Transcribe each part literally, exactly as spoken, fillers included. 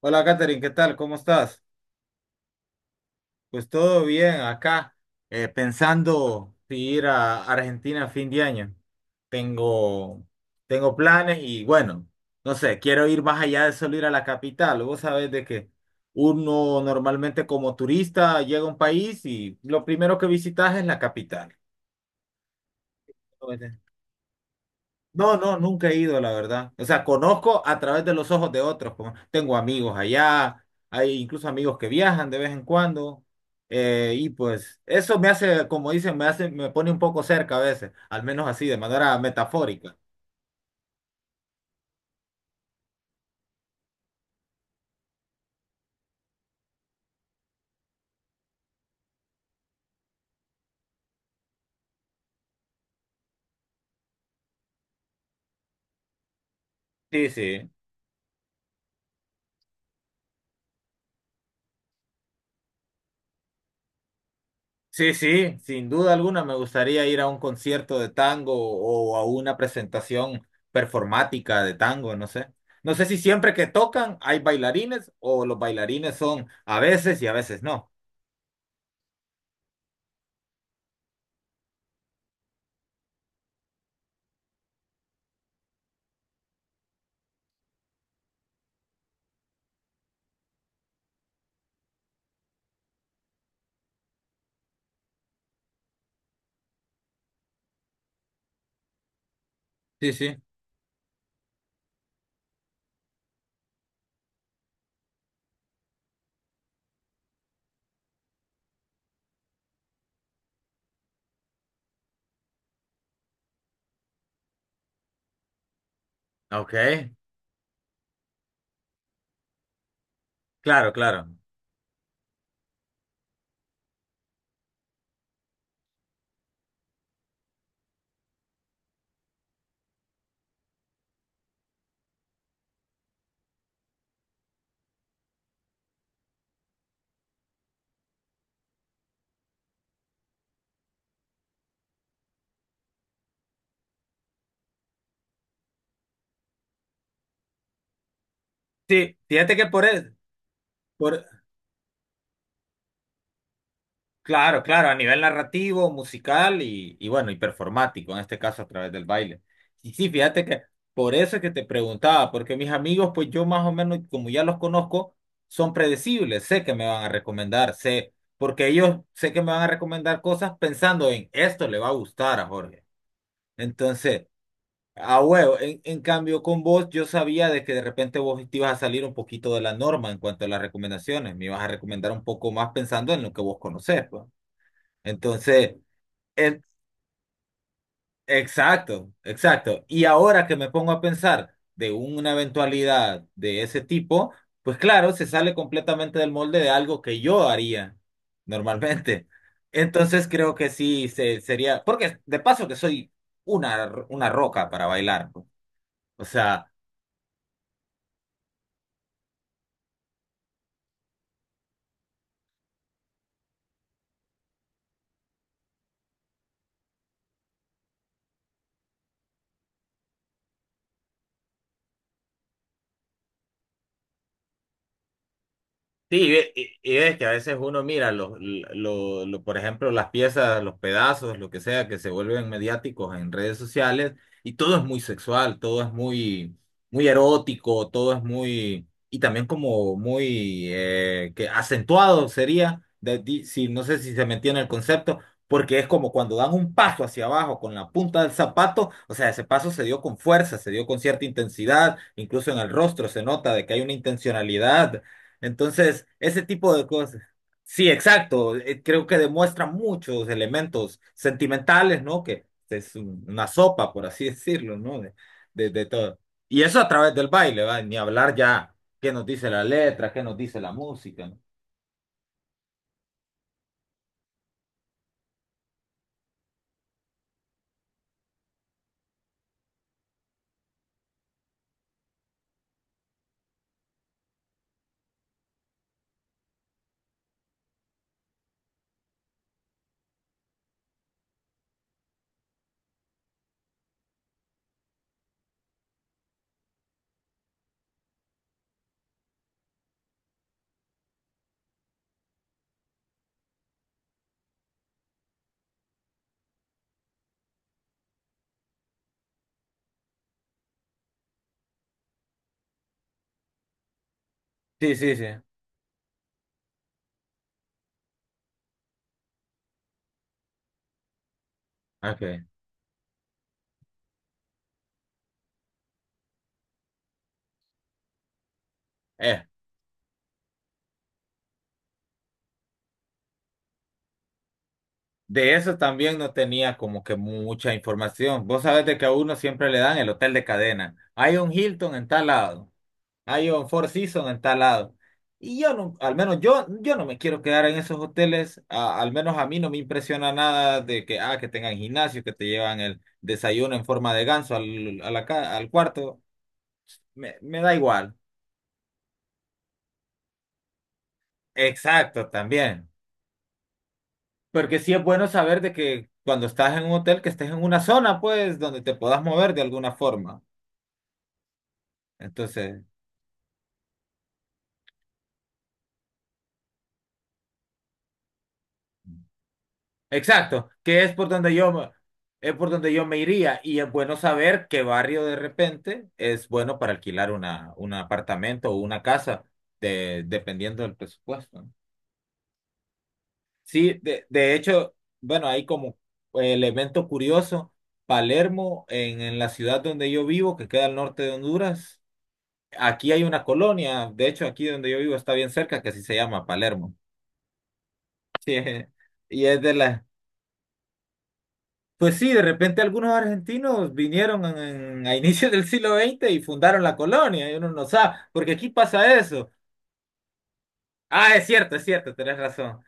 Hola, Katherine, ¿qué tal? ¿Cómo estás? Pues todo bien acá, eh, pensando si ir a Argentina a fin de año. Tengo, tengo planes y bueno, no sé, quiero ir más allá de solo ir a la capital. Vos sabés de que uno normalmente como turista llega a un país y lo primero que visitas es la capital. No, no, nunca he ido, la verdad. O sea, conozco a través de los ojos de otros. como- Tengo amigos allá, hay incluso amigos que viajan de vez en cuando. Eh, y pues eso me hace, como dicen, me hace, me pone un poco cerca a veces, al menos así, de manera metafórica. Sí, sí. Sí, sí, sin duda alguna me gustaría ir a un concierto de tango o a una presentación performática de tango, no sé. No sé si siempre que tocan hay bailarines o los bailarines son a veces y a veces no. Sí, sí. Ok, claro, claro. Sí, fíjate que por él, por, claro, claro, a nivel narrativo, musical y, y bueno, y performático, en este caso a través del baile. Y sí, fíjate que por eso es que te preguntaba, porque mis amigos, pues yo más o menos, como ya los conozco, son predecibles, sé que me van a recomendar, sé, porque ellos sé que me van a recomendar cosas pensando en esto le va a gustar a Jorge. Entonces, a huevo, en, en cambio con vos yo sabía de que de repente vos te ibas a salir un poquito de la norma en cuanto a las recomendaciones, me ibas a recomendar un poco más pensando en lo que vos conocés, pues. Entonces, en- exacto, exacto. Y ahora que me pongo a pensar de una eventualidad de ese tipo, pues claro, se sale completamente del molde de algo que yo haría normalmente. Entonces creo que sí se, sería, porque de paso que soy una, una roca para bailar, pues. O sea... Sí, y, ve- y y es que a veces uno mira, los, lo- lo- por ejemplo, las piezas, los pedazos, lo que sea, que se vuelven mediáticos en redes sociales, y todo es muy sexual, todo es muy, muy erótico, todo es muy, y también como muy, eh, que acentuado sería, de- di- si, no sé si se me entiende el concepto, porque es como cuando dan un paso hacia abajo con la punta del zapato, o sea, ese paso se dio con fuerza, se dio con cierta intensidad, incluso en el rostro se nota de que hay una intencionalidad entonces, ese tipo de cosas. Sí, exacto. eh, Creo que demuestra muchos elementos sentimentales, ¿no? Que es un- una sopa, por así decirlo, ¿no? De, de, de todo. Y eso a través del baile, ¿va? Ni hablar ya qué nos dice la letra, qué nos dice la música, ¿no? Sí, sí, sí. Okay. Eh, de eso también no tenía como que mucha información. Vos sabés de que a uno siempre le dan el hotel de cadena. Hay un Hilton en tal lado. Hay un Four Seasons en tal lado. Y yo no, al menos yo, yo no me quiero quedar en esos hoteles. A- al menos a mí no me impresiona nada de que, ah, que tengan gimnasio, que te llevan el desayuno en forma de ganso al, a la ca- al cuarto. Me, me da igual. Exacto, también. Porque sí es bueno saber de que cuando estás en un hotel, que estés en una zona, pues, donde te puedas mover de alguna forma. Entonces. Exacto, que es por donde yo, me- es por donde yo me iría y es bueno saber qué barrio de repente es bueno para alquilar una, un apartamento o una casa, de- dependiendo del presupuesto. ¿No? Sí, de, de hecho, bueno, hay como elemento curioso, Palermo, en, en la ciudad donde yo vivo, que queda al norte de Honduras, aquí hay una colonia, de hecho aquí donde yo vivo está bien cerca, que así se llama Palermo. Sí, y es de las. Pues sí, de repente algunos argentinos vinieron en- a inicios del siglo veinte y fundaron la colonia, y uno no sabe, porque aquí pasa eso. Ah, es cierto, es cierto, tenés razón.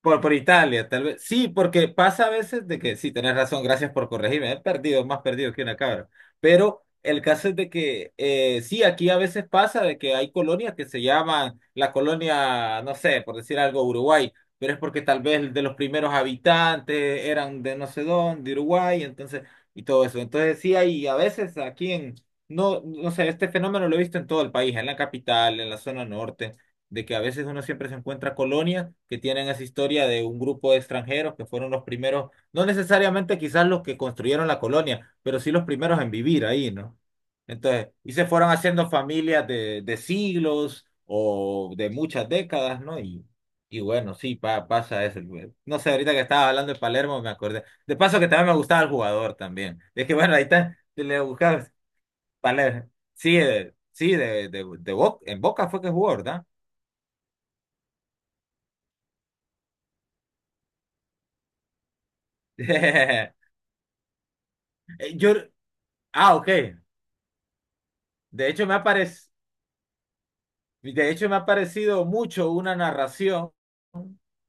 Por, por Italia, tal vez. Sí, porque pasa a veces de que, sí, tenés razón, gracias por corregirme, he perdido, más perdido que una cabra. Pero el caso es de que, eh, sí, aquí a veces pasa de que hay colonias que se llaman la colonia, no sé, por decir algo, Uruguay, pero es porque tal vez de los primeros habitantes eran de no sé dónde, de Uruguay, entonces, y todo eso. Entonces, sí, hay a veces aquí en, no, no sé, este fenómeno lo he visto en todo el país, en la capital, en la zona norte de que a veces uno siempre se encuentra colonias que tienen esa historia de un grupo de extranjeros que fueron los primeros, no necesariamente quizás los que construyeron la colonia, pero sí los primeros en vivir ahí, ¿no? Entonces, y se fueron haciendo familias de, de siglos o de muchas décadas, ¿no? Y, y bueno, sí, pa- pasa eso. No sé, ahorita que estaba hablando de Palermo me acordé. De paso que también me gustaba el jugador también. Es que bueno, ahí está, le buscabas Palermo. Sí, eh, sí, de, de, de Bo- en Boca fue que jugó, ¿verdad? Eh, yo, ah, ok. De hecho, me ha parec- de hecho, me ha parecido mucho una narración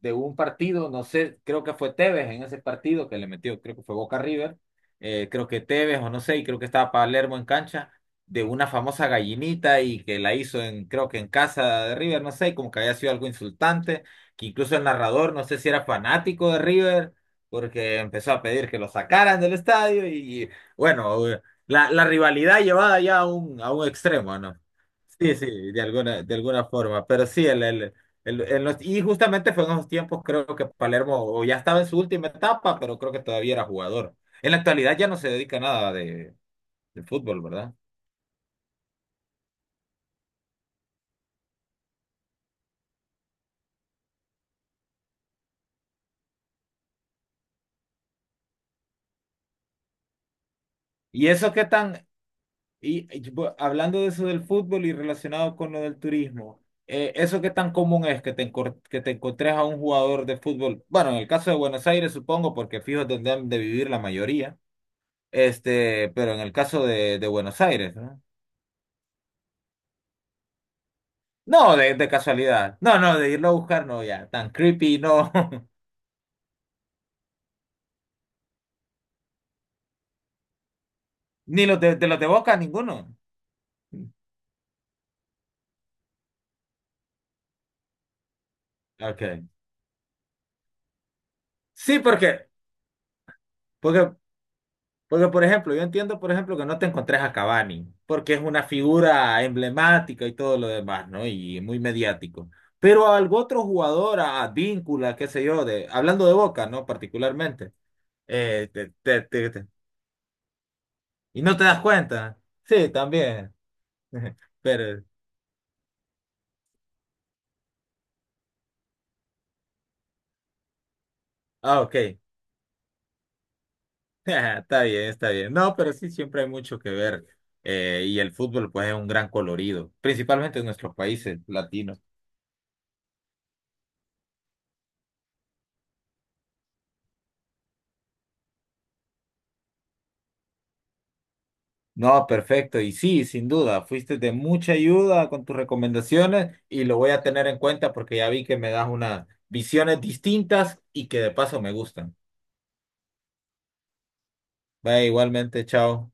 de un partido, no sé, creo que fue Tevez en ese partido que le metió, creo que fue Boca River, eh, creo que Tevez o no sé, y creo que estaba Palermo en cancha, de una famosa gallinita y que la hizo en, creo que en casa de River, no sé, y como que había sido algo insultante, que incluso el narrador, no sé si era fanático de River, porque empezó a pedir que lo sacaran del estadio y bueno, eh, la, la rivalidad llevada ya a un, a un extremo, ¿no? Sí, sí, de alguna, de alguna forma, pero sí, el, el- en- en los- y justamente fue en esos tiempos, creo que Palermo o ya estaba en su última etapa, pero creo que todavía era jugador. En la actualidad ya no se dedica a nada de, de fútbol, ¿verdad? Y eso qué tan, y, y, bu- hablando de eso del fútbol y relacionado con lo del turismo, eh, eso qué tan común es que te, encor- que te encontres a un jugador de fútbol. Bueno, en el caso de Buenos Aires, supongo, porque fijo donde han de vivir la mayoría, este, pero en el caso de, de Buenos Aires, ¿no? No, de, de casualidad. No, no, de irlo a buscar, no, ya, tan creepy, no. Ni los de, de los de Boca, ninguno. Okay, sí, porque, porque, porque, por ejemplo, yo entiendo, por ejemplo, que no te encontrés a Cavani, porque es una figura emblemática y todo lo demás, ¿no? Y muy mediático. Pero a algún otro jugador, a Víncula, qué sé yo, de, hablando de Boca, ¿no? Particularmente. eh, te- te- te- te- y no te das cuenta. Sí, también. Pero, ah, ok. Está bien, está bien. No, pero sí, siempre hay mucho que ver. Eh, y el fútbol, pues, es un gran colorido, principalmente en nuestros países latinos. No, perfecto. Y sí, sin duda, fuiste de mucha ayuda con tus recomendaciones y lo voy a tener en cuenta porque ya vi que me das unas visiones distintas y que de paso me gustan. Vaya, igualmente, chao.